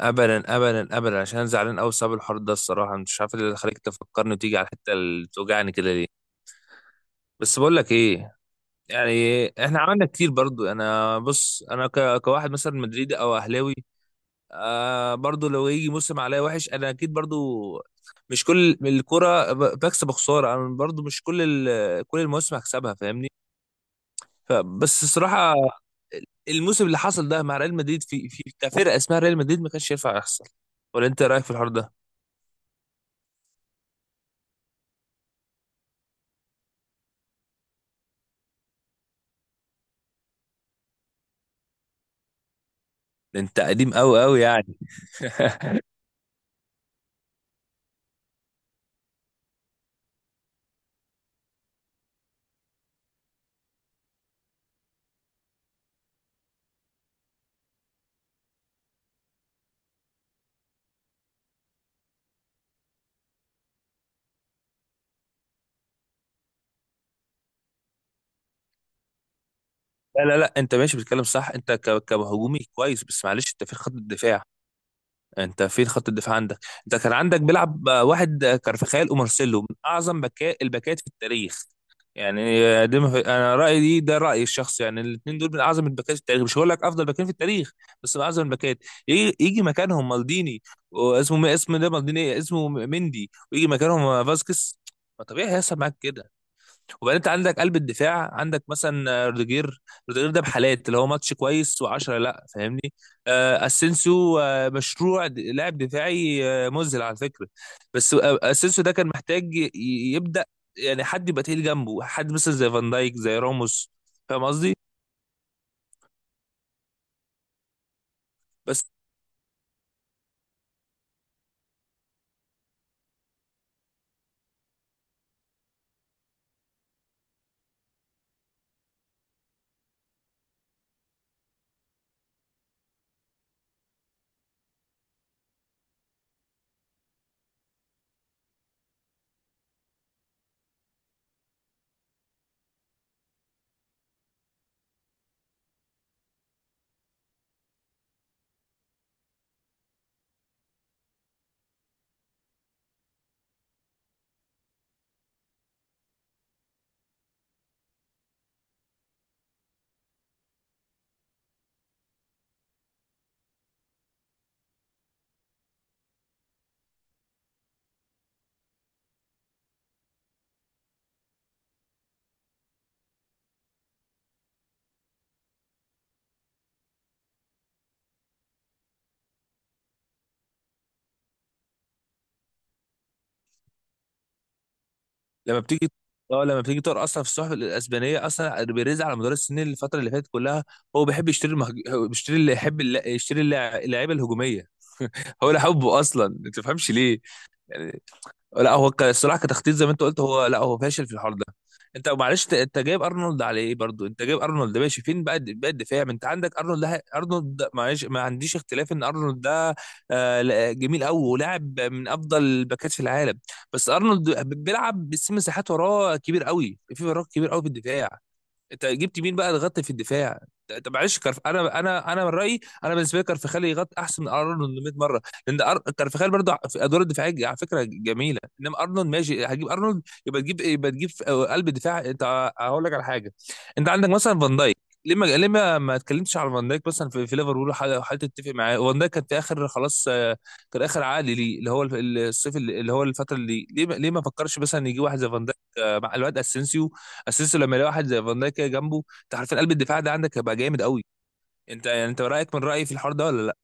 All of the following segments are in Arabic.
ابدا ابدا ابدا، عشان أنا زعلان قوي بسبب الحوار ده. الصراحه مش عارف إيه اللي خليك تفكرني وتيجي على الحته اللي توجعني كده ليه. بس بقول لك ايه، يعني احنا عملنا كتير برضو. انا بص، انا كواحد مثلا مدريدي او اهلاوي. آه، برضو لو يجي موسم عليا وحش انا اكيد برضو. مش كل الكرة بكسب خسارة، انا برضو مش كل كل المواسم هكسبها، فاهمني؟ فبس الصراحه، الموسم اللي حصل ده مع ريال مدريد في كفرقه اسمها ريال مدريد ما كانش ينفع يحصل. ولا انت رايك في الحوار ده؟ ده انت قديم قوي قوي يعني. لا لا لا، انت ماشي بتتكلم صح. انت كهجومي كويس، بس معلش انت فين خط الدفاع؟ انت فين خط الدفاع عندك؟ انت كان عندك بيلعب واحد، كارفخال ومارسيلو من اعظم بكاء الباكات في التاريخ. يعني دي ما في- انا رايي دي، ده رايي الشخصي. يعني الاثنين دول من اعظم الباكات في التاريخ، مش هقول لك افضل باكين في التاريخ بس من اعظم الباكات. يجي مكانهم مالديني، واسمه ده مالديني، اسمه مندي، ويجي مكانهم فاسكيز. ما طبيعي هيحصل معاك كده. وبعدين انت عندك قلب الدفاع عندك مثلا روديجير. روديجير ده بحالات، اللي هو ماتش كويس و10 لا، فاهمني؟ اسينسيو مشروع لاعب دفاعي مذهل على فكره. بس اسينسيو ده كان محتاج يبدا، يعني حد يبقى تقيل جنبه، حد مثلا زي فان دايك زي راموس، فاهم قصدي؟ بس لما بتيجي، اه لما بتيجي تقرا اصلا في الصحف الاسبانيه، اصلا بيريز على مدار السنين الفتره اللي فاتت كلها هو بيحب يشتري هو بيشتري اللي يحب، اللعيبه الهجوميه. هو ده حبه اصلا، ما تفهمش ليه يعني. لا هو الصراحه كتخطيط زي ما انت قلت، هو لا هو فاشل في الحوار ده. انت معلش انت جايب ارنولد على ايه؟ برضو انت جايب ارنولد ده ماشي، فين بقى بقى الدفاع؟ ما انت عندك ارنولد ده، معلش ما عنديش اختلاف ان ارنولد ده جميل قوي ولاعب من افضل الباكات في العالم. بس ارنولد بيلعب بس مساحات، وراه كبير قوي في الدفاع. انت جبت مين بقى يغطي في الدفاع؟ انت معلش كرف، انا من رايي، انا بالنسبه لي كارفخال يغطي احسن من ارنولد 100 مره. لان كارفخال برضه في ادوار الدفاعيه على فكره جميله. انما ارنولد ماشي، هتجيب ارنولد يبقى تجيب في قلب دفاع. انت هقول لك على حاجه، انت عندك مثلا فان دايك. ليه ما اتكلمتش على فان دايك مثلا في ليفربول؟ وحاول تتفق معاه. فان دايك كان في اخر خلاص، كان اخر عقد ليه، اللي هو الصيف، اللي هو الفتره، اللي ليه ما فكرش مثلا يجي واحد زي فان دايك مع الواد اسينسيو؟ اسيستو لما يلاقي واحد زي فان دايك كده جنبه، انت عارفين قلب الدفاع ده عندك هيبقى جامد قوي. انت يعني انت رايك من رايي في الحوار ده ولا لا؟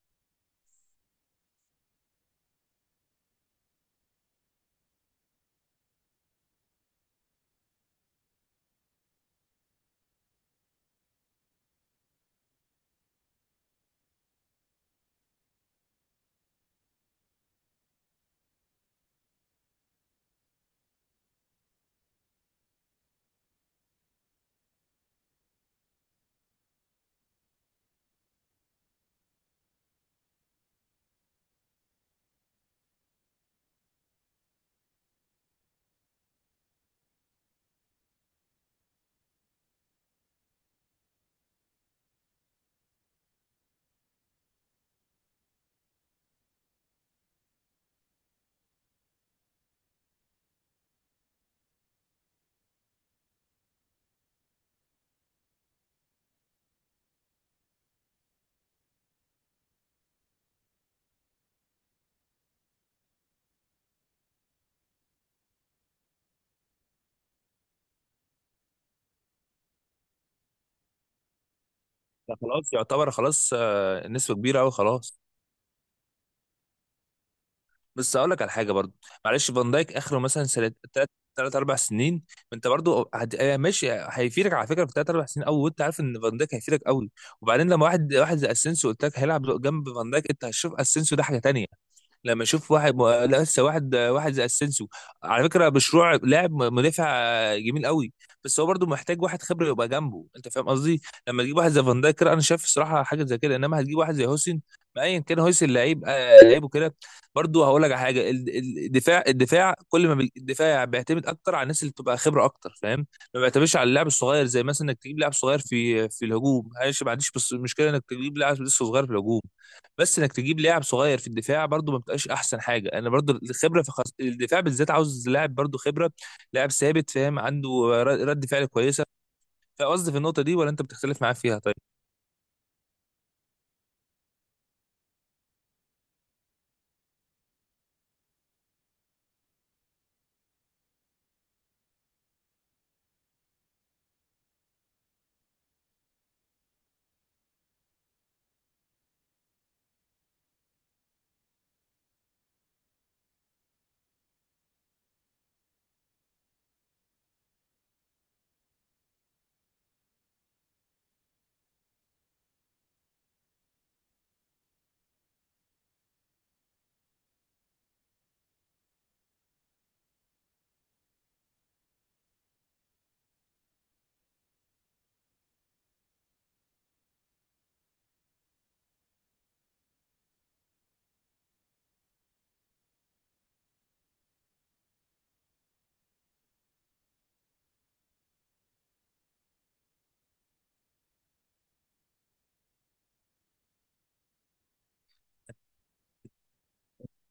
ده خلاص يعتبر خلاص، نسبه كبيره قوي خلاص. بس اقول لك على حاجه برضو، معلش فان دايك اخره مثلا سنه ثلاث، ثلاث اربع سنين. انت برضو ماشي هيفيدك على فكره في ثلاث اربع سنين قوي، وانت عارف ان فان دايك هيفيدك قوي. وبعدين لما واحد زي اسينسيو قلت لك هيلعب جنب فان دايك، انت هتشوف اسينسيو ده حاجه تانيه. لما اشوف لا، لسه واحد زي اسينسيو، على فكره مشروع لاعب مدافع جميل قوي. بس هو برضو محتاج واحد خبره يبقى جنبه، انت فاهم قصدي؟ لما تجيب واحد زي فان دايك كده، انا شايف الصراحه حاجه زي كده، انما هتجيب واحد زي هوسن، ما ايا كان هوسن لعيب، لعيبه كده. برضو هقول لك على حاجه، الدفاع، الدفاع كل ما بي- الدفاع بيعتمد اكتر على الناس اللي بتبقى خبره اكتر، فاهم؟ ما بيعتمدش على اللاعب الصغير، زي مثلا انك تجيب لاعب صغير في الهجوم. معلش، ما عنديش مشكله انك تجيب لاعب لسه صغير في الهجوم، بس انك تجيب لاعب صغير في الدفاع برضو ما بتبقاش احسن حاجه. انا برضو الخبره في الدفاع بالذات، عاوز لاعب برضو خبره، لاعب ثابت فاهم، عنده رد فعل كويسه. فقصدي في النقطه دي، ولا انت بتختلف معايا فيها طيب؟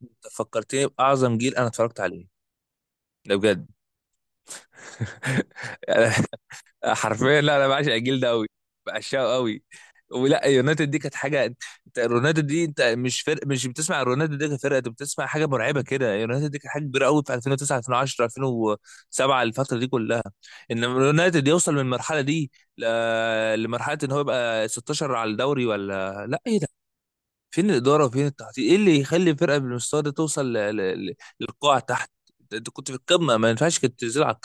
أنت فكرتني باعظم جيل انا اتفرجت عليه، ده بجد. حرفيا لا، انا بعشق الجيل ده قوي، بعشقه قوي. ولا يونايتد دي كانت حاجه! انت رونالدو دي، انت مش فرق، مش بتسمع رونالدو دي كفرقه، انت بتسمع حاجه مرعبه كده. يونايتد دي كانت حاجه كبيره قوي في 2009 2010 2007، الفتره دي كلها. ان يونايتد يوصل من المرحله دي لمرحله ان هو يبقى 16 على الدوري؟ ولا لا ايه ده؟ فين الاداره وفين التخطيط؟ ايه اللي يخلي فرقه بالمستوى ده توصل للقاع تحت؟ انت كنت في القمه، ما ينفعش كنت تنزل على.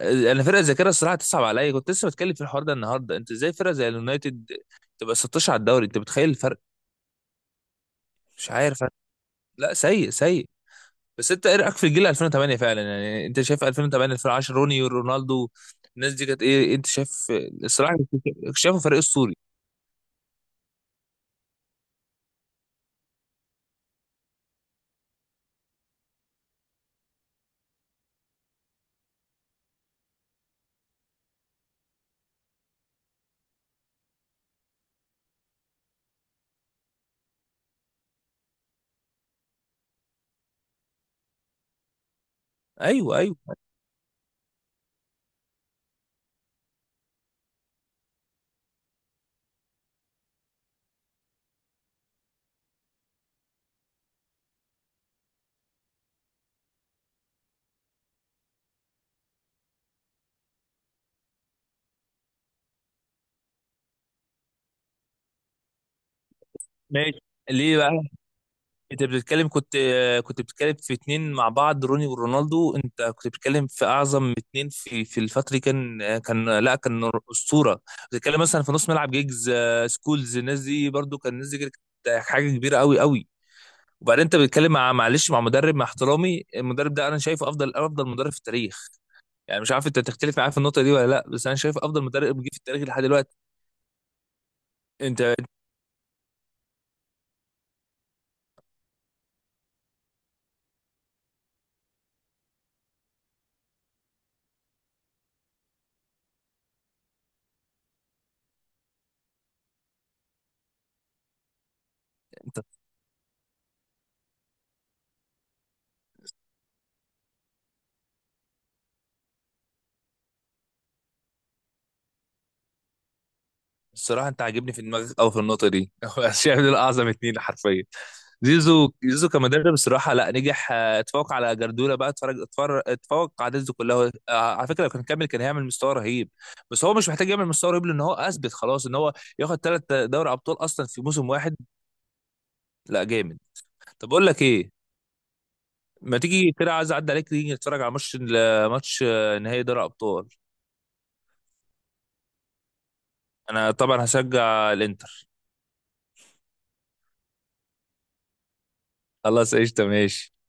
انا فرقه زي كده الصراحه تصعب عليا، كنت لسه بتكلم في الحوار ده النهارده. انت ازاي فرقه زي اليونايتد تبقى 16 على الدوري؟ انت متخيل الفرق؟ مش عارف أنا. لا، سيء سيء. بس انت ايه رايك في الجيل 2008 فعلا؟ يعني انت شايف 2008 2010، روني ورونالدو، الناس دي كانت ايه انت شايف؟ الصراحه كنت شايفه فريق اسطوري. ايوه ايوه، ماشي. ليه بقى؟ انت بتتكلم، كنت بتتكلم في اتنين مع بعض، روني ورونالدو. انت كنت بتتكلم في اعظم اتنين في الفتره دي. كان كان لا كان اسطوره. بتتكلم مثلا في نص ملعب، جيجز، سكولز، الناس دي برضو كان، الناس دي كانت حاجه كبيره قوي قوي. وبعدين انت بتتكلم مع، معلش مع مدرب، مع احترامي المدرب ده انا شايفه افضل مدرب في التاريخ. يعني مش عارف انت تختلف معايا في النقطه دي ولا لا، بس انا شايف افضل مدرب جه في التاريخ لحد دلوقتي. انت انت الصراحة أنت عاجبني في دماغك أوي في النقطة دي. هو شايف دول أعظم اتنين حرفيا. زيزو كمدرب الصراحة، لا نجح، اتفوق على جاردولا بقى. اتفرج اتفوق على زيزو كلها. على فكرة لو كان كمل كان هيعمل مستوى رهيب. بس هو مش محتاج يعمل مستوى رهيب لأن هو أثبت خلاص إن هو ياخد ثلاث دوري أبطال أصلا في موسم واحد. لا جامد. طب أقول لك إيه؟ ما تيجي كده، عايز أعدي عليك تيجي نتفرج على ماتش، نهائي دوري أبطال. أنا طبعا هشجع الإنتر. خلاص قشطة، ماشي.